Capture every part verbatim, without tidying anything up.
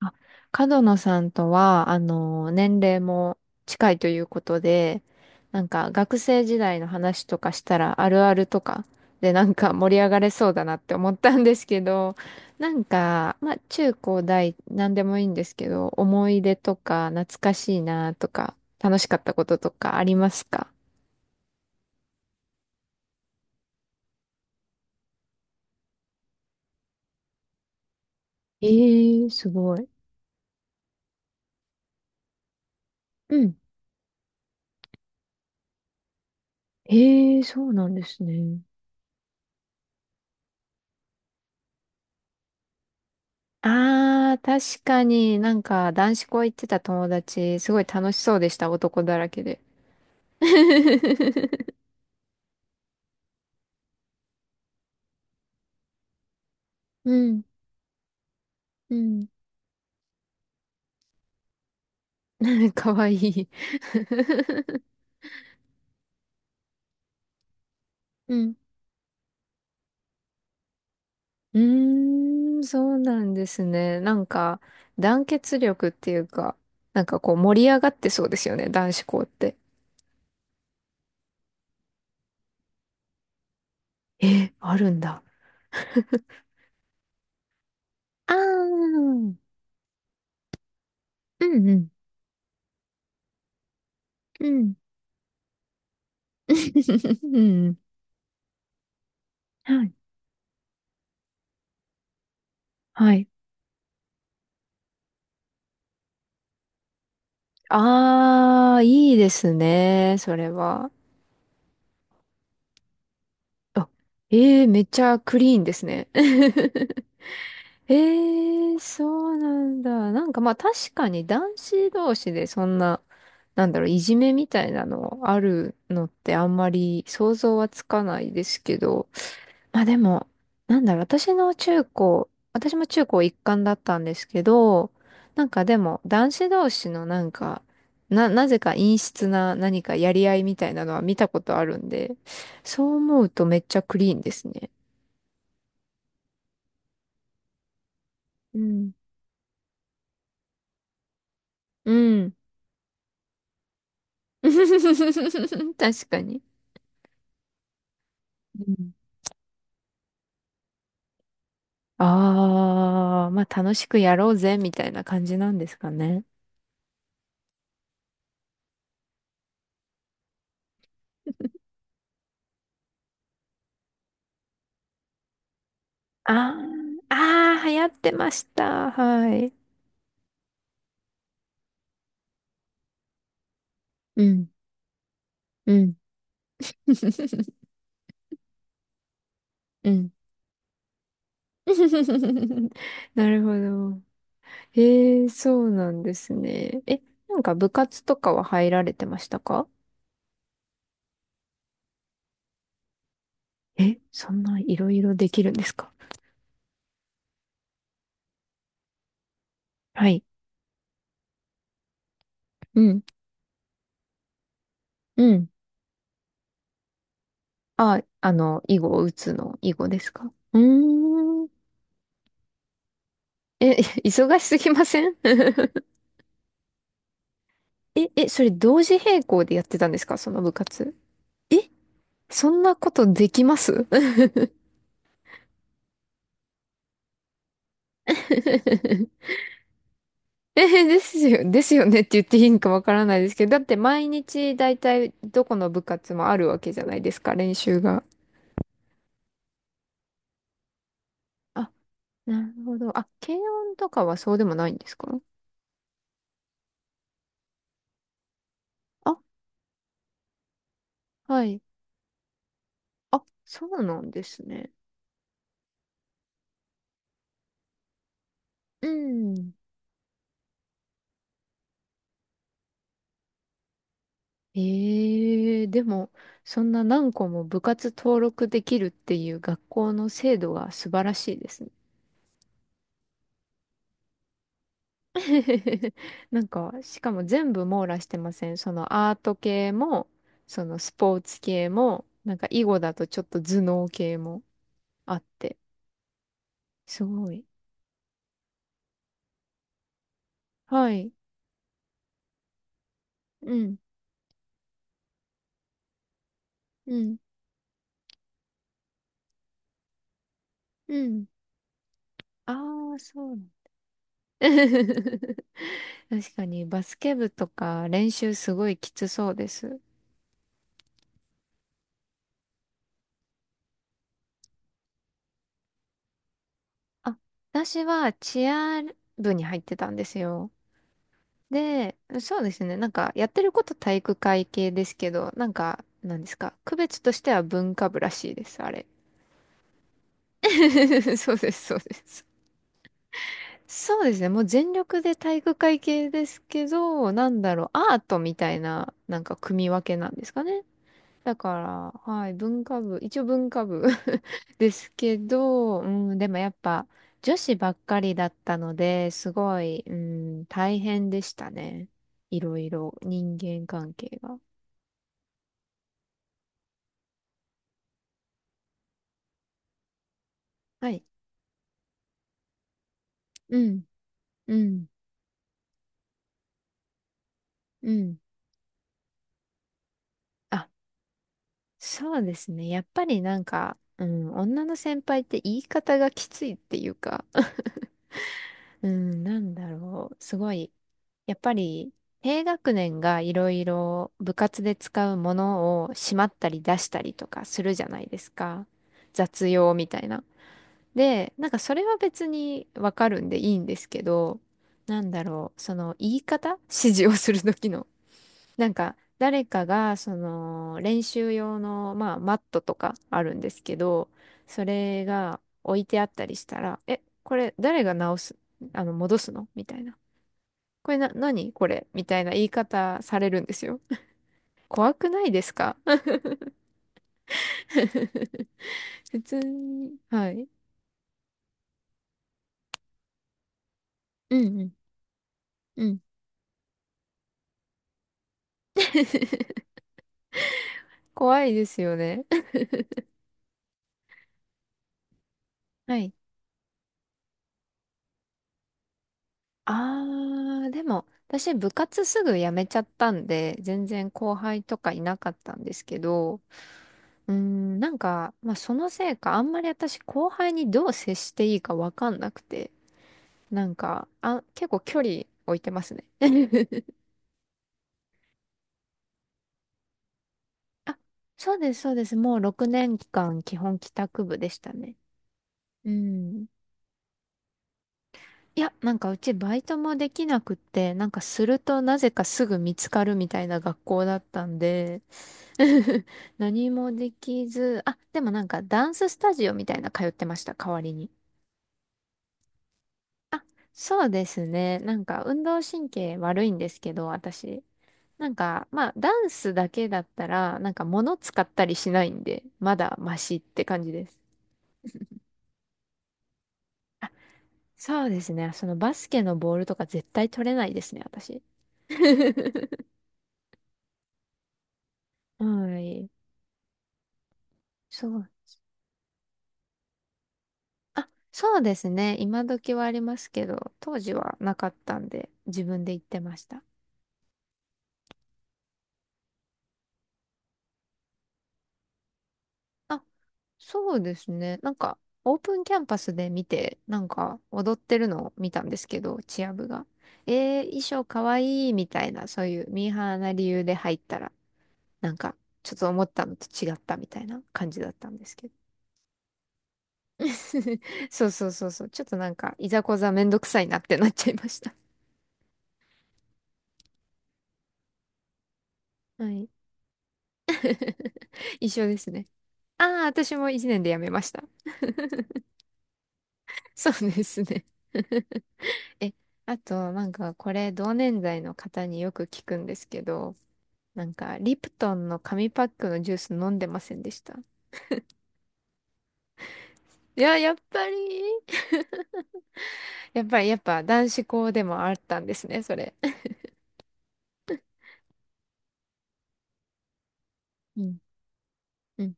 あ、角野さんとは、あの、年齢も近いということで、なんか学生時代の話とかしたらあるあるとかでなんか盛り上がれそうだなって思ったんですけど、なんか、まあ中高大何でもいいんですけど、思い出とか懐かしいなとか、楽しかったこととかありますか？ええー、すごい。うん。ええー、そうなんですね。ああ、確かになんか男子校行ってた友達、すごい楽しそうでした、男だらけで。うん、うん。かわいい。うん。うーん、そうなんですね。なんか、団結力っていうか、なんかこう盛り上がってそうですよね、男子校って。え、あるんだ。ああ、うんうん、うん。うん。はい。はい。ああ、いいですね、それは。あ、ええ、めっちゃクリーンですね。ええ、そうなんだ。なんかまあ確かに男子同士でそんな、なんだろう、いじめみたいなのあるのってあんまり想像はつかないですけど、まあでも、なんだろう、私の中高、私も中高一貫だったんですけど、なんかでも男子同士のなんか、な、なぜか陰湿な何かやり合いみたいなのは見たことあるんで、そう思うとめっちゃクリーンですね。うん。うん。確かに。うん。ああ、まあ楽しくやろうぜ、みたいな感じなんですかね。ああ、ああ、流行ってました。はい。うん。うん。うん。なるほど。へえ、そうなんですね。え、なんか部活とかは入られてましたか？え、そんないろいろできるんですか？はい。うん。うん。あ、あの、囲碁を打つの、囲碁ですか？うーん。え、忙しすぎません？ え、え、それ同時並行でやってたんですか、その部活。そんなことできます？ えー、ですよ、ですよねって言っていいのかわからないですけど、だって毎日大体どこの部活もあるわけじゃないですか、練習が。あ、なるほど。あ、軽音とかはそうでもないんですか？あ、はい。あ、そうなんですね。うん。ええ、でも、そんな何個も部活登録できるっていう学校の制度が素晴らしいですね。なんか、しかも全部網羅してません？そのアート系も、そのスポーツ系も、なんか囲碁だとちょっと頭脳系もあって、すごい。はい。うん、うん、うん。ああ、そうなん。確かにバスケ部とか練習すごいきつそうです。あ、私はチア部に入ってたんですよ。で、そうですね。なんか、やってること体育会系ですけど、なんか、なんですか。区別としては文化部らしいです、あれ。そうです、そうです。そうですね。もう全力で体育会系ですけど、なんだろう、アートみたいな、なんか組み分けなんですかね。だから、はい、文化部、一応文化部 ですけど、うん、でもやっぱ女子ばっかりだったので、すごい、うん、大変でしたね。いろいろ、人間関係が。はい。うん、うん、うん。あ、そうですね。やっぱりなんか、うん、女の先輩って言い方がきついっていうか、うん、なんだろう。すごい。やっぱり、低学年がいろいろ部活で使うものをしまったり出したりとかするじゃないですか。雑用みたいな。で、なんかそれは別にわかるんでいいんですけど、なんだろう。その言い方、指示をする時の、なんか、誰かが、その、練習用の、まあ、マットとかあるんですけど、それが置いてあったりしたら、え、これ誰が直す、あの、戻すのみたいな。これな、何これみたいな言い方されるんですよ。怖くないですか？ 普通に。はい。うんうん。うん。怖いですよね。はい。あー、でも、私部活すぐ辞めちゃったんで、全然後輩とかいなかったんですけど、うーん、なんか、まあ、そのせいか、あんまり私後輩にどう接していいかわかんなくて、なんか、あ、結構距離置いてますね。あ、そうです、そうです。もうろくねんかん基本帰宅部でしたね。うん。いや、なんかうちバイトもできなくって、なんかするとなぜかすぐ見つかるみたいな学校だったんで、何もできず、あ、でもなんかダンススタジオみたいな通ってました、代わりに。あ、そうですね。なんか運動神経悪いんですけど、私。なんか、まあ、ダンスだけだったら、なんか物使ったりしないんで、まだマシって感じです。そうですね。そのバスケのボールとか絶対取れないですね、私。はい。そう。あ、そうですね。今時はありますけど、当時はなかったんで、自分で言ってました。あ、そうですね。なんか、オープンキャンパスで見て、なんか、踊ってるのを見たんですけど、チア部が。えー、衣装かわいいみたいな、そういうミーハーな理由で入ったら、なんか、ちょっと思ったのと違ったみたいな感じだったんですけど。そうそうそうそう。ちょっとなんか、いざこざめんどくさいなってなっちゃいました。はい。一緒ですね。ああ、私も一年で辞めました。そうですね。え、あと、なんか、これ、同年代の方によく聞くんですけど、なんか、リプトンの紙パックのジュース飲んでませんでした？いや、やっぱり やっぱり、やっぱ、男子校でもあったんですね、それ。うん。うん。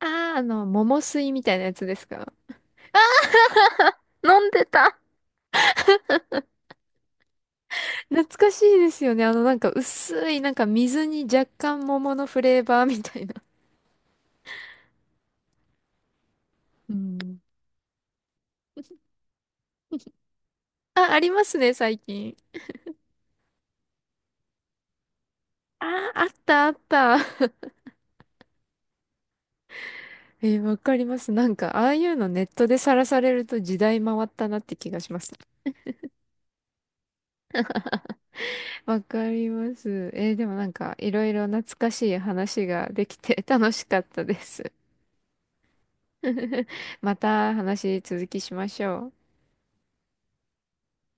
あー、あの、桃水みたいなやつですか？ 飲んでた。懐かしいですよね。あの、なんか、薄い、なんか、水に若干桃のフレーバーみたいな。うん。あ、ありますね、最近。あー、あった、あった。えー、わかります。なんか、ああいうのネットでさらされると時代回ったなって気がします。わかります。えー、でもなんか、いろいろ懐かしい話ができて楽しかったです。また話続きしましょう。